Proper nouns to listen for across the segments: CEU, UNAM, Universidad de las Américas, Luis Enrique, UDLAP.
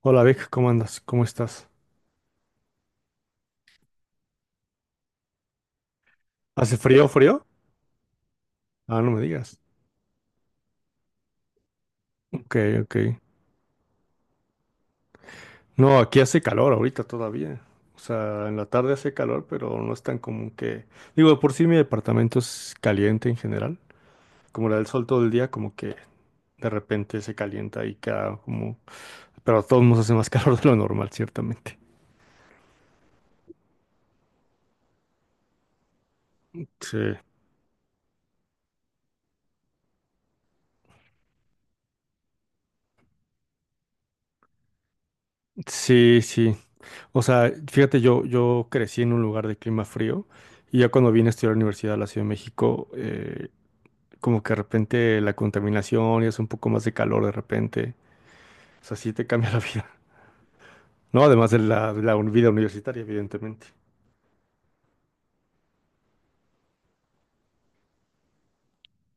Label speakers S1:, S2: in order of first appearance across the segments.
S1: Hola Vic, ¿cómo andas? ¿Cómo estás? ¿Hace frío, frío? Ah, no me digas. Ok, ok. No, aquí hace calor ahorita todavía. O sea, en la tarde hace calor, pero no es tan común que... Digo, de por sí mi departamento es caliente en general. Como le da el sol todo el día, como que de repente se calienta y queda como... Pero a todos nos hace más calor de lo normal, ciertamente. Sí. Sí, sí. O sea, fíjate, yo crecí en un lugar de clima frío y ya cuando vine a estudiar a la Universidad de la Ciudad de México, como que de repente la contaminación y hace un poco más de calor de repente. O sea, sí te cambia la vida, ¿no? Además de la, vida universitaria, evidentemente.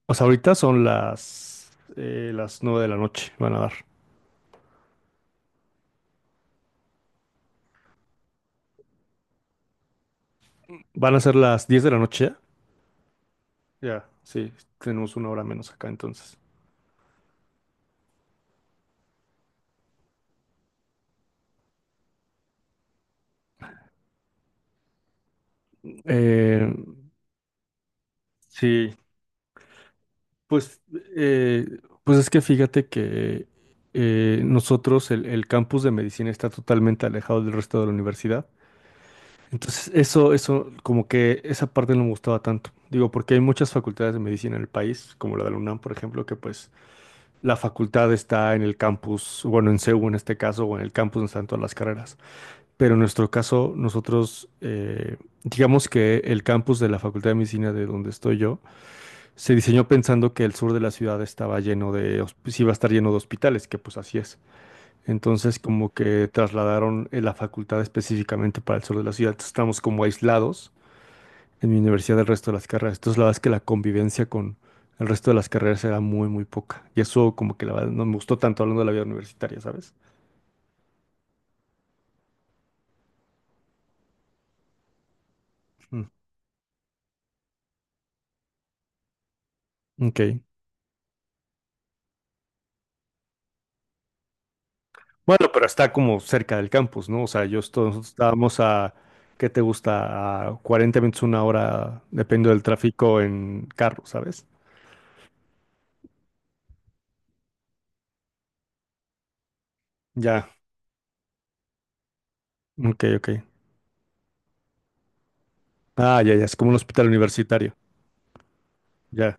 S1: O sea, ahorita son las 9 de la noche, van a dar. Van a ser las 10 de la noche ya. Ya, sí, tenemos una hora menos acá entonces. Eh, sí, pues, eh, pues es que fíjate que nosotros, el campus de medicina está totalmente alejado del resto de la universidad. Entonces, eso, como que esa parte no me gustaba tanto. Digo, porque hay muchas facultades de medicina en el país, como la de la UNAM, por ejemplo, que pues la facultad está en el campus, bueno, en CEU en este caso, o en el campus donde están todas las carreras. Pero en nuestro caso, nosotros, digamos que el campus de la Facultad de Medicina de donde estoy yo, se diseñó pensando que el sur de la ciudad estaba lleno sí iba a estar lleno de hospitales, que pues así es. Entonces, como que trasladaron la facultad específicamente para el sur de la ciudad. Entonces, estamos como aislados en mi universidad del resto de las carreras. Entonces, la verdad es que la convivencia con el resto de las carreras era muy, muy poca. Y eso como que la verdad no me gustó tanto hablando de la vida universitaria, ¿sabes? Mm, ok. Bueno, pero está como cerca del campus, ¿no? O sea, nosotros estábamos a, ¿qué te gusta? A 40 minutos, una hora, depende del tráfico en carro, ¿sabes? Ya, ok, ok. Ah, ya, ya, es como un hospital universitario. Ya,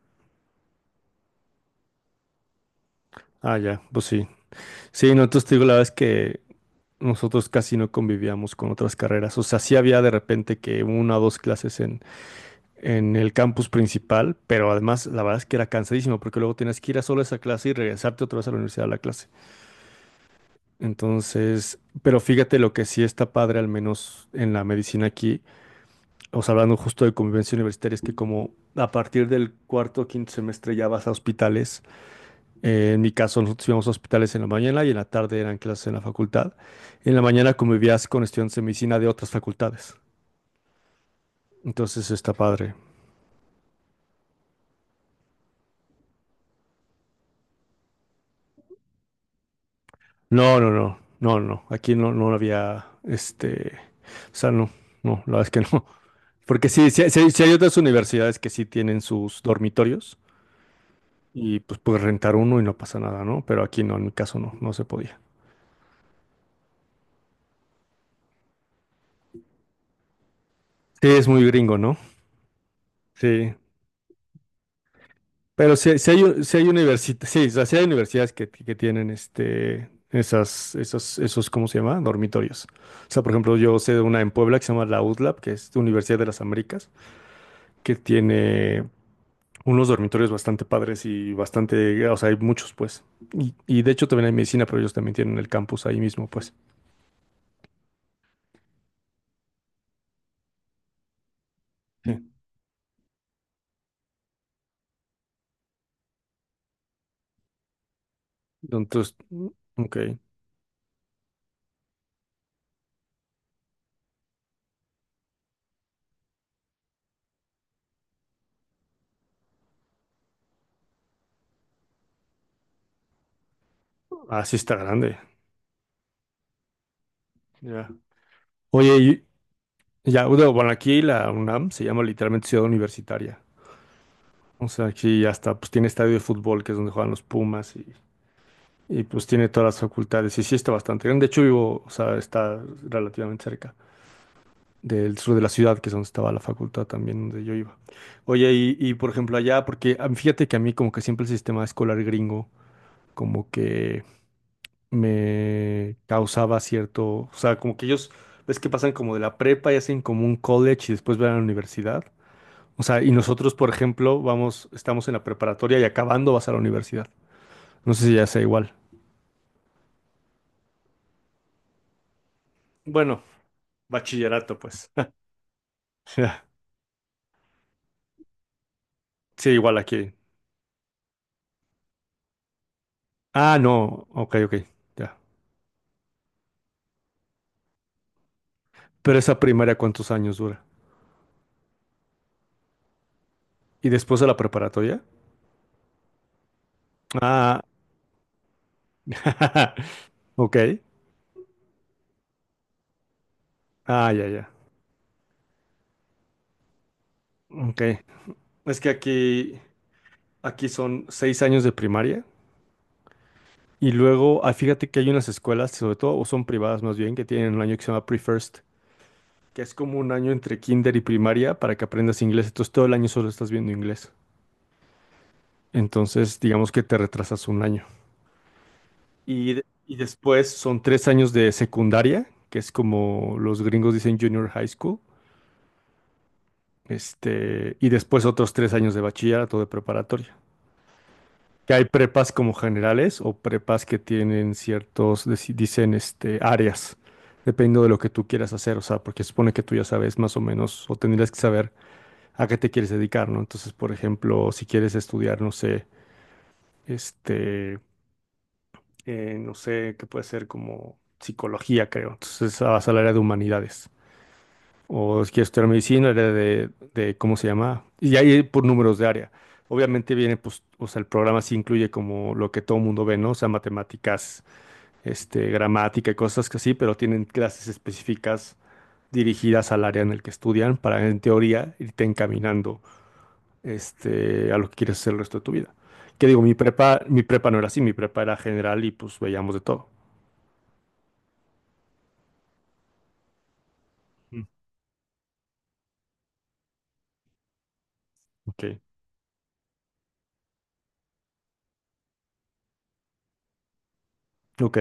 S1: ah, ya, pues sí. Sí, no, entonces te digo, la verdad es que nosotros casi no convivíamos con otras carreras. O sea, sí había de repente que una o dos clases en el campus principal, pero además la verdad es que era cansadísimo porque luego tenías que ir a solo esa clase y regresarte otra vez a la universidad a la clase. Entonces, pero fíjate lo que sí está padre, al menos en la medicina aquí, o sea, hablando justo de convivencia universitaria, es que como a partir del cuarto o quinto semestre ya vas a hospitales. En mi caso, nosotros íbamos a hospitales en la mañana y en la tarde eran clases en la facultad. En la mañana convivías con estudiantes de medicina de otras facultades. Entonces está padre. No, no, no, no, no. Aquí no, no había, o sea, no, no, la verdad es que no. Porque sí, sí, sí hay otras universidades que sí tienen sus dormitorios y pues puedes rentar uno y no pasa nada, ¿no? Pero aquí no, en mi caso no, no se podía. Sí, es muy gringo, ¿no? Sí, pero sí, sí hay, u- sí hay universita- sí, o sea, sí hay universidades que tienen este, esas, esos, ¿cómo se llama? Dormitorios. O sea, por ejemplo, yo sé de una en Puebla que se llama la UDLAP, que es Universidad de las Américas, que tiene unos dormitorios bastante padres y bastante, o sea, hay muchos, pues. Y de hecho también hay medicina, pero ellos también tienen el campus ahí mismo, pues. Sí. Entonces, ok. Así está grande. Ya. Oye, ya, bueno, aquí la UNAM se llama literalmente Ciudad Universitaria. O sea, aquí hasta pues tiene estadio de fútbol, que es donde juegan los Pumas, y, pues tiene todas las facultades. Y sí está bastante grande. De hecho, vivo, o sea, está relativamente cerca del sur de la ciudad, que es donde estaba la facultad también, donde yo iba. Oye, y, por ejemplo allá, porque fíjate que a mí como que siempre el sistema escolar gringo como que me causaba cierto, o sea, como que ellos, ves que pasan como de la prepa y hacen como un college y después van a la universidad. O sea, y nosotros, por ejemplo, vamos, estamos en la preparatoria y acabando vas a la universidad. No sé si ya sea igual. Bueno, bachillerato, pues. Ya. Sí, igual aquí. Ah, no. Ok, ok. Ya. Pero esa primaria, ¿cuántos años dura? ¿Y después de la preparatoria? Ah, ok. Ah, ya, ya. Ok. Es que aquí son 6 años de primaria. Y luego, fíjate que hay unas escuelas, sobre todo, o son privadas más bien, que tienen un año que se llama Pre-First, que es como un año entre kinder y primaria para que aprendas inglés. Entonces, todo el año solo estás viendo inglés. Entonces, digamos que te retrasas un año. Y después son 3 años de secundaria, que es como los gringos dicen junior high school. Y después otros 3 años de bachillerato de preparatoria. Que hay prepas como generales o prepas que tienen ciertos, dicen, áreas, dependiendo de lo que tú quieras hacer. O sea, porque supone que tú ya sabes más o menos, o tendrías que saber a qué te quieres dedicar, ¿no? Entonces, por ejemplo, si quieres estudiar, no sé, este. No sé, qué puede ser como psicología, creo. Entonces, a al área de humanidades. O si quieres estudiar medicina, área de, ¿cómo se llama? Y ahí por números de área. Obviamente viene, pues, o sea, el programa sí incluye como lo que todo el mundo ve, ¿no? O sea, matemáticas, gramática y cosas que así, pero tienen clases específicas dirigidas al área en el que estudian para, en teoría, irte encaminando, a lo que quieres hacer el resto de tu vida. Que digo, mi prepa no era así, mi prepa era general y pues veíamos de todo. Mm. Ok. Ok,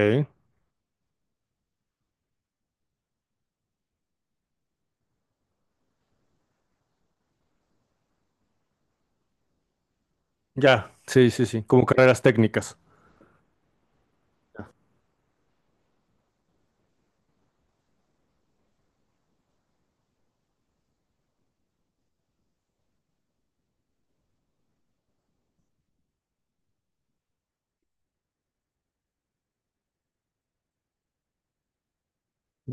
S1: ya, sí, sí, sí, como carreras técnicas.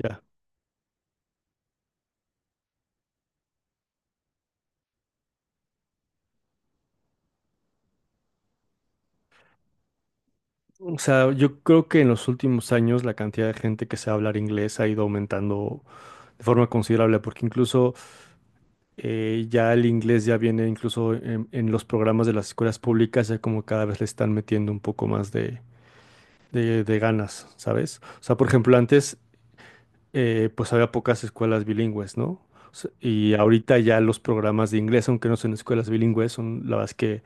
S1: Ya. O sea, yo creo que en los últimos años la cantidad de gente que sabe hablar inglés ha ido aumentando de forma considerable, porque incluso ya el inglés ya viene incluso en los programas de las escuelas públicas, ya como cada vez le están metiendo un poco más de ganas, ¿sabes? O sea, por ejemplo, antes pues había pocas escuelas bilingües, ¿no? O sea, y ahorita ya los programas de inglés, aunque no son escuelas bilingües, son la verdad es que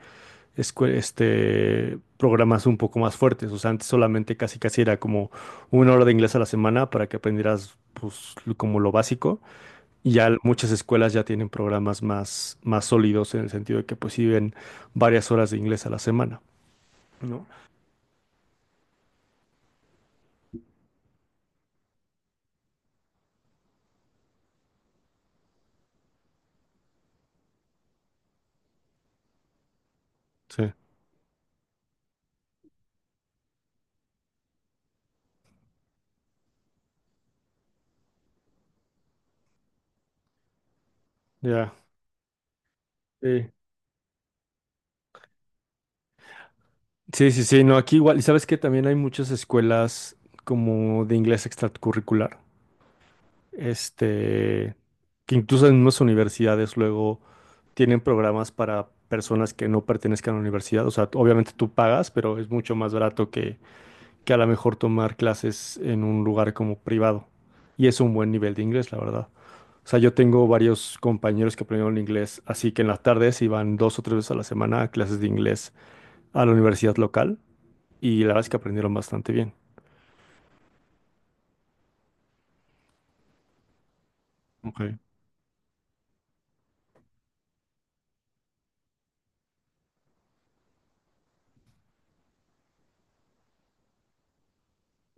S1: programas un poco más fuertes. O sea, antes solamente casi casi era como una hora de inglés a la semana para que aprendieras pues, como lo básico. Y ya muchas escuelas ya tienen programas más, más sólidos en el sentido de que pues sí ven varias horas de inglés a la semana, ¿no? Sí, ya. Sí. Sí, sí, sí, no, aquí igual. Y sabes que también hay muchas escuelas como de inglés extracurricular. este, que incluso en mismas universidades luego tienen programas para personas que no pertenezcan a la universidad. O sea, obviamente tú pagas, pero es mucho más barato que a lo mejor tomar clases en un lugar como privado. Y es un buen nivel de inglés, la verdad. O sea, yo tengo varios compañeros que aprendieron inglés, así que en las tardes iban dos o tres veces a la semana a clases de inglés a la universidad local y la verdad es que aprendieron bastante bien. Ok.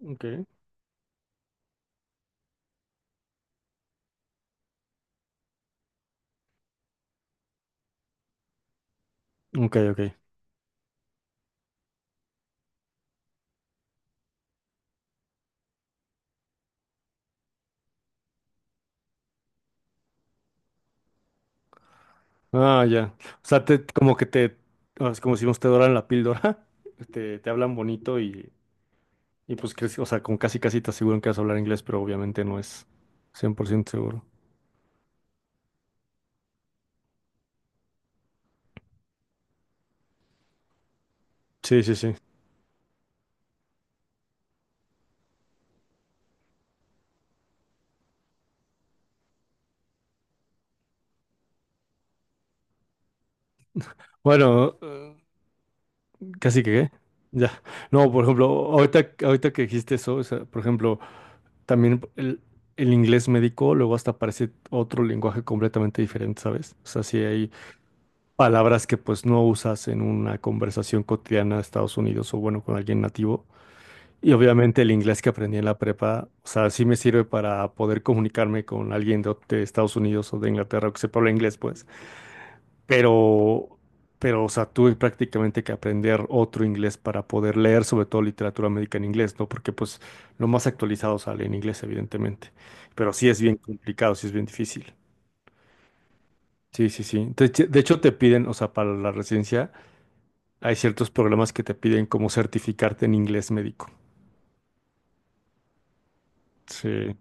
S1: Ok, ok, ok. Ah, ya. O sea, te, como que te, es como si te doran la píldora, te hablan bonito y pues, o sea, con casi casi te aseguran que vas a hablar inglés, pero obviamente no es 100% seguro. Sí, sí, sí. Bueno, casi que, ¿qué? Ya. No, por ejemplo, ahorita que dijiste eso, o sea, por ejemplo, también el inglés médico luego hasta parece otro lenguaje completamente diferente, ¿sabes? O sea, sí hay palabras que pues no usas en una conversación cotidiana de Estados Unidos o bueno, con alguien nativo. Y obviamente el inglés que aprendí en la prepa, o sea, sí me sirve para poder comunicarme con alguien de Estados Unidos o de Inglaterra que sepa hablar inglés, pues. Pero, pero, o sea, tuve prácticamente que aprender otro inglés para poder leer sobre todo literatura médica en inglés, ¿no? Porque pues lo más actualizado sale en inglés, evidentemente. Pero sí es bien complicado, sí es bien difícil. Sí, sí, sí. De hecho, te piden, o sea, para la residencia hay ciertos programas que te piden como certificarte en inglés médico. Sí.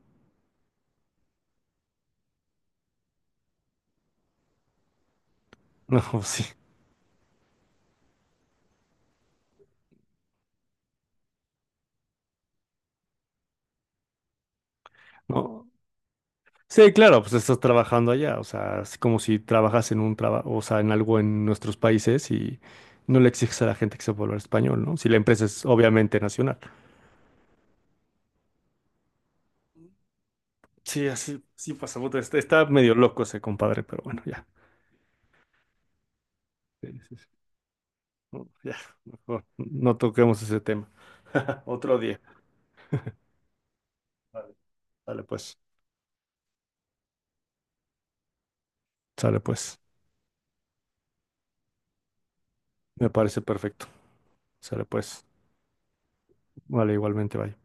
S1: No, sí. No. Sí, claro, pues estás trabajando allá, o sea, es como si trabajas en un trabajo, o sea, en algo en nuestros países y no le exiges a la gente que sepa hablar español, ¿no? Si la empresa es obviamente nacional. Sí, así, sí pasa. Puta, está medio loco ese compadre, pero bueno, ya. Sí, sí, sí. No, ya, mejor no toquemos ese tema. Otro día. Vale. Sale pues, sale pues. Me parece perfecto. Sale pues. Vale, igualmente, vaya.